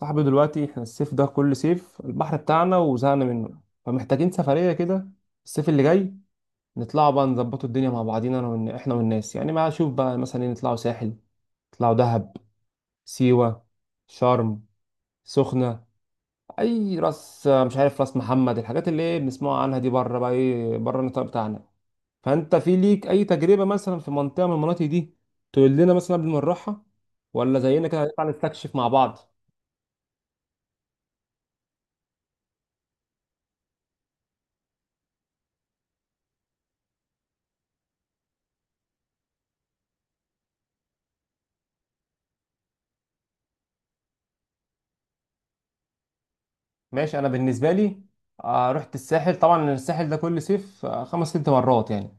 صاحبي دلوقتي احنا الصيف ده كل صيف البحر بتاعنا وزهقنا منه. فمحتاجين سفرية كده الصيف اللي جاي، نطلعوا بقى نظبطوا الدنيا مع بعضينا انا احنا والناس. يعني ما اشوف بقى مثلا ايه، نطلعوا ساحل، نطلعوا دهب، سيوة، شرم، سخنة، اي راس، مش عارف راس محمد، الحاجات اللي ايه بنسمعها عنها دي، بره بقى ايه بره النطاق بتاعنا. فانت في ليك اي تجربة مثلا في منطقة من المناطق دي تقول لنا مثلا قبل ما نروحها، ولا زينا كده هنطلع نستكشف مع بعض؟ ماشي، انا بالنسبه لي، رحت الساحل طبعا، الساحل ده كل صيف، خمس ست مرات يعني.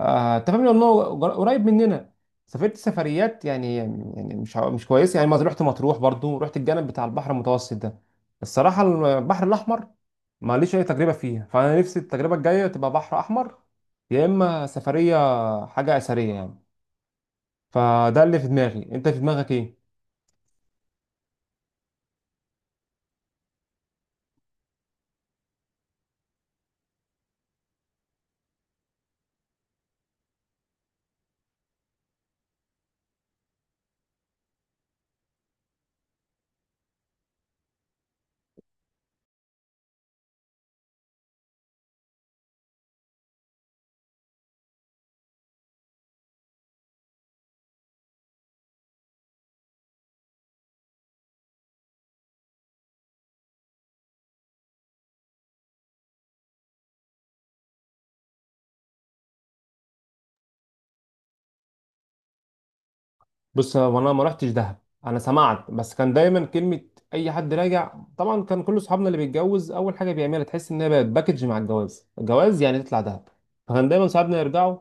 انت فاهم لانه قريب مننا. سافرت سفريات يعني مش مش كويسه، يعني مثلا رحت مطروح، برضو رحت الجانب بتاع البحر المتوسط ده. الصراحه البحر الاحمر ماليش اي تجربه فيها، فانا نفسي التجربه الجايه تبقى بحر احمر، يا اما سفريه حاجه اثريه يعني. فده اللي في دماغي، انت في دماغك ايه؟ بص، هو انا ما رحتش دهب، انا سمعت بس. كان دايما كلمه اي حد راجع، طبعا كان كل اصحابنا اللي بيتجوز اول حاجه بيعملها تحس ان هي بقت باكج مع الجواز، الجواز يعني تطلع دهب. فكان دايما صحابنا يرجعوا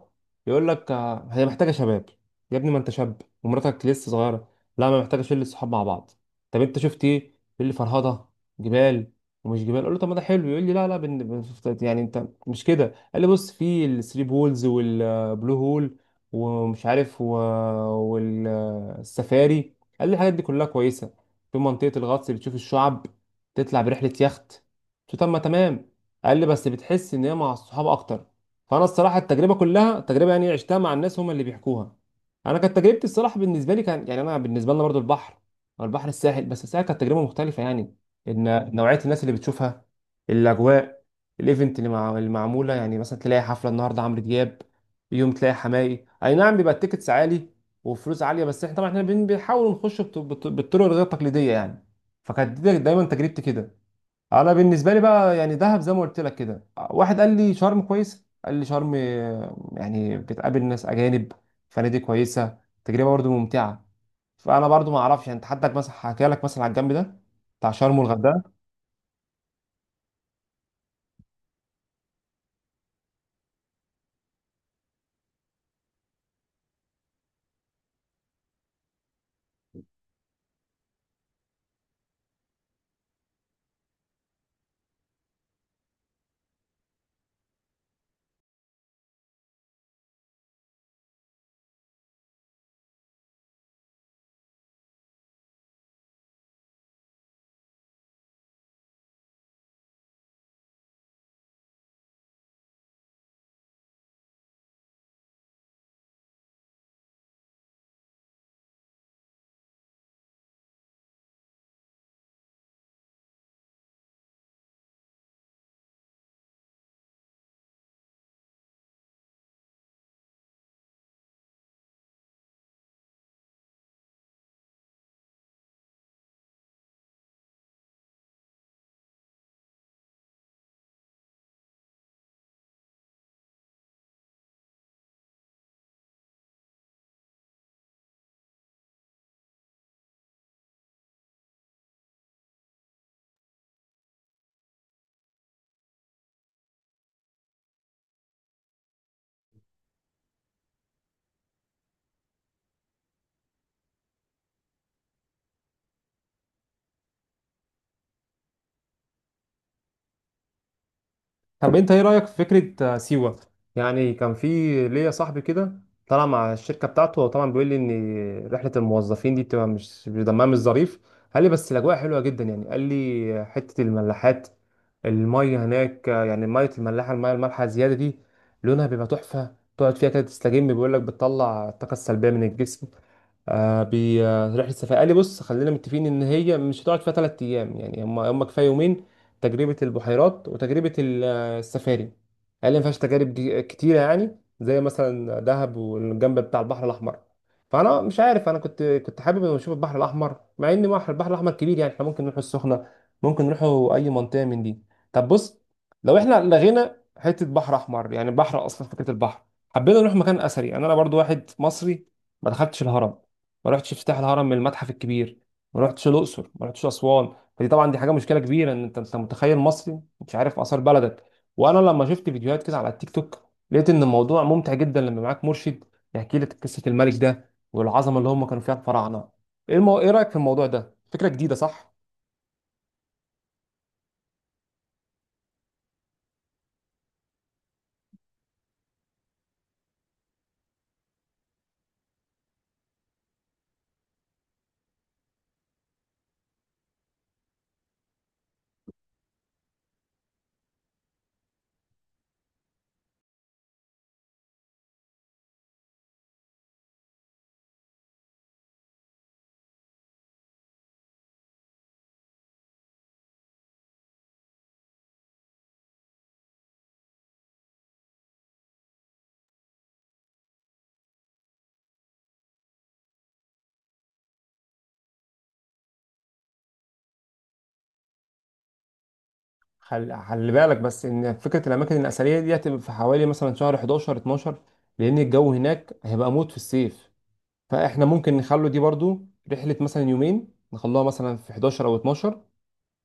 يقول لك هي محتاجه شباب. يا ابني ما انت شاب ومراتك لسه صغيره، لا ما محتاجه شله صحاب مع بعض. طب انت شفت ايه؟ يقول لي فرهضه، جبال ومش جبال. اقول له طب ما ده حلو، يقول لي لا يعني انت مش كده. قال لي بص، في الثري بولز والبلو هول ومش عارف و... والسفاري، قال لي الحاجات دي كلها كويسة. في منطقة الغطس بتشوف الشعب، تطلع برحلة يخت. قلت له طب ما تمام، قال لي بس بتحس ان هي مع الصحاب اكتر. فانا الصراحة التجربة كلها تجربة يعني عشتها مع الناس، هم اللي بيحكوها. انا كانت تجربتي الصراحة بالنسبة لي كان يعني، انا بالنسبة لنا برضو البحر، او البحر الساحل، بس الساحل كانت تجربة مختلفة يعني، ان نوعية الناس اللي بتشوفها، الاجواء، الايفنت اللي معمولة. يعني مثلا تلاقي حفلة النهاردة عمرو دياب، يوم تلاقي حماقي، اي نعم بيبقى التيكتس عالي وفلوس عاليه، بس احنا طبعا احنا بنحاول نخش بالطرق الغير تقليديه يعني. فكانت دي دايما تجربتي كده. انا بالنسبه لي بقى يعني دهب زي ما قلت لك كده، واحد قال لي شرم كويس، قال لي شرم يعني بتقابل ناس اجانب، فنادق كويسه، تجربه برضو ممتعه. فانا برضو ما اعرفش، يعني انت حدك مثلا حكى لك مثلا على الجنب ده بتاع شرم والغردقه؟ طب انت ايه رأيك في فكرة سيوة؟ يعني كان في ليا صاحبي كده طلع مع الشركة بتاعته، وطبعا بيقول لي ان رحلة الموظفين دي بتبقى مش دمها مش ظريف. قال لي بس الاجواء حلوة جدا، يعني قال لي حتة الملاحات المية هناك يعني مية الملاحة، المية المالحة زيادة دي لونها بيبقى تحفة، تقعد فيها كده تستجم، بيقول لك بتطلع الطاقة السلبية من الجسم. آه بي آه، رحلة السفاري قال لي بص خلينا متفقين ان هي مش هتقعد فيها ثلاث ايام، يعني هم كفايه يومين، تجربة البحيرات وتجربة السفاري. قال لي ما فيهاش تجارب كتيره يعني زي مثلا دهب والجنب بتاع البحر الاحمر. فانا مش عارف، انا كنت حابب إني اشوف البحر الاحمر، مع ان بحر البحر الاحمر كبير، يعني احنا ممكن نروح السخنه، ممكن نروحوا اي منطقه من دي. طب بص، لو احنا لغينا حته بحر احمر يعني بحر اصلا، فكره البحر، حبينا نروح مكان اثري. يعني انا برضو واحد مصري ما دخلتش الهرم، ما رحتش افتتاح الهرم من المتحف الكبير، ما رحتش الاقصر، ما رحتش اسوان. فدي طبعا دي حاجه مشكله كبيره، ان انت متخيل مصري مش عارف اثار بلدك. وانا لما شفت فيديوهات كده على التيك توك، لقيت ان الموضوع ممتع جدا لما معاك مرشد يحكي لك قصه الملك ده والعظمه اللي هم كانوا فيها الفراعنه. ايه رايك في الموضوع ده، فكره جديده صح؟ خلي بالك بس ان فكره الاماكن الاثريه دي هتبقى في حوالي مثلا شهر 11 12، لان الجو هناك هيبقى موت في الصيف. فاحنا ممكن نخلو دي برضو رحله مثلا يومين، نخلوها مثلا في 11 او 12،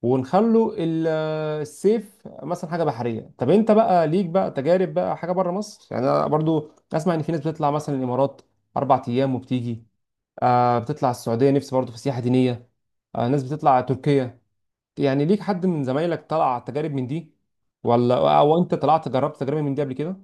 ونخلوا ال- السيف مثلا حاجه بحريه. طب انت بقى ليك بقى تجارب بقى حاجه بره مصر؟ يعني انا برضو اسمع ان في ناس بتطلع مثلا الامارات اربع ايام وبتيجي، آه بتطلع السعوديه، نفسي برضو في سياحه دينيه، آه ناس بتطلع تركيا. يعني ليك حد من زمايلك طلع تجارب من دي، ولا او انت طلعت جربت تجربه من دي قبل كده؟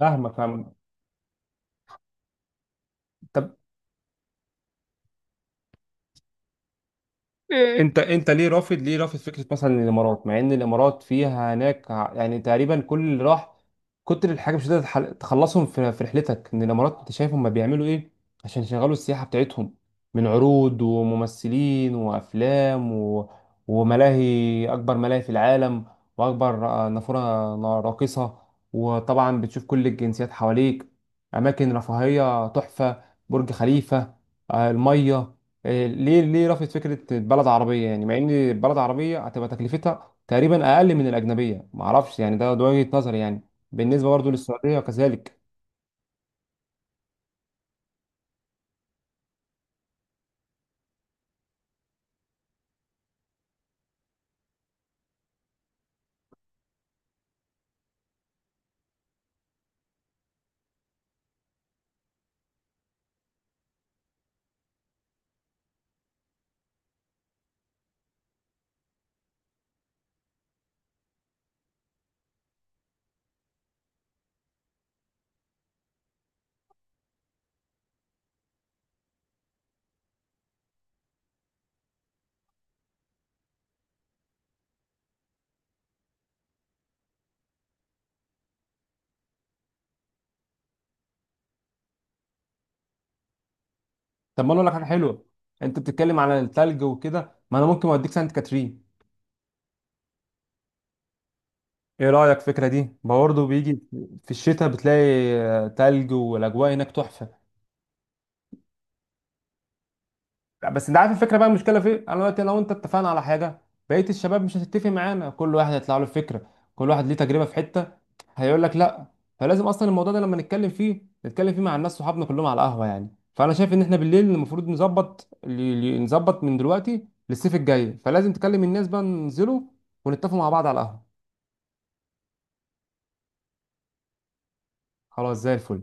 فاهمك فاهمك. طب انت ليه رافض فكره مثلا الامارات، مع ان الامارات فيها هناك يعني تقريبا كل اللي راح كتر الحاجه مش هتقدر تخلصهم في رحلتك. ان الامارات انت شايف هم بيعملوا ايه عشان يشغلوا السياحه بتاعتهم، من عروض وممثلين وافلام وملاهي، اكبر ملاهي في العالم، واكبر نافوره راقصه، وطبعا بتشوف كل الجنسيات حواليك، اماكن رفاهيه تحفه، برج خليفه، الميه. إيه، ليه رفضت فكره بلد عربيه، يعني مع ان بلد عربيه هتبقى تكلفتها تقريبا اقل من الاجنبيه؟ ما اعرفش يعني، ده وجهه نظري يعني بالنسبه برضه للسعوديه وكذلك. طب ما انا اقول لك حاجه حلوه، انت بتتكلم على الثلج وكده، ما انا ممكن اوديك سانت كاترين. ايه رايك في الفكره دي برضه؟ بيجي في الشتاء بتلاقي تلج والاجواء هناك تحفه. لا، بس انت عارف الفكره بقى المشكله في إيه؟ انا دلوقتي لو انت اتفقنا على حاجه، بقيه الشباب مش هتتفق معانا، كل واحد هيطلع له فكره، كل واحد ليه تجربه في حته، هيقول لك لا. فلازم اصلا الموضوع ده لما نتكلم فيه نتكلم فيه مع الناس صحابنا كلهم على القهوه يعني. فانا شايف ان احنا بالليل المفروض نظبط من دلوقتي للصيف الجاي، فلازم تكلم الناس بقى ننزلوا ونتفقوا مع بعض على القهوه. خلاص زي الفل.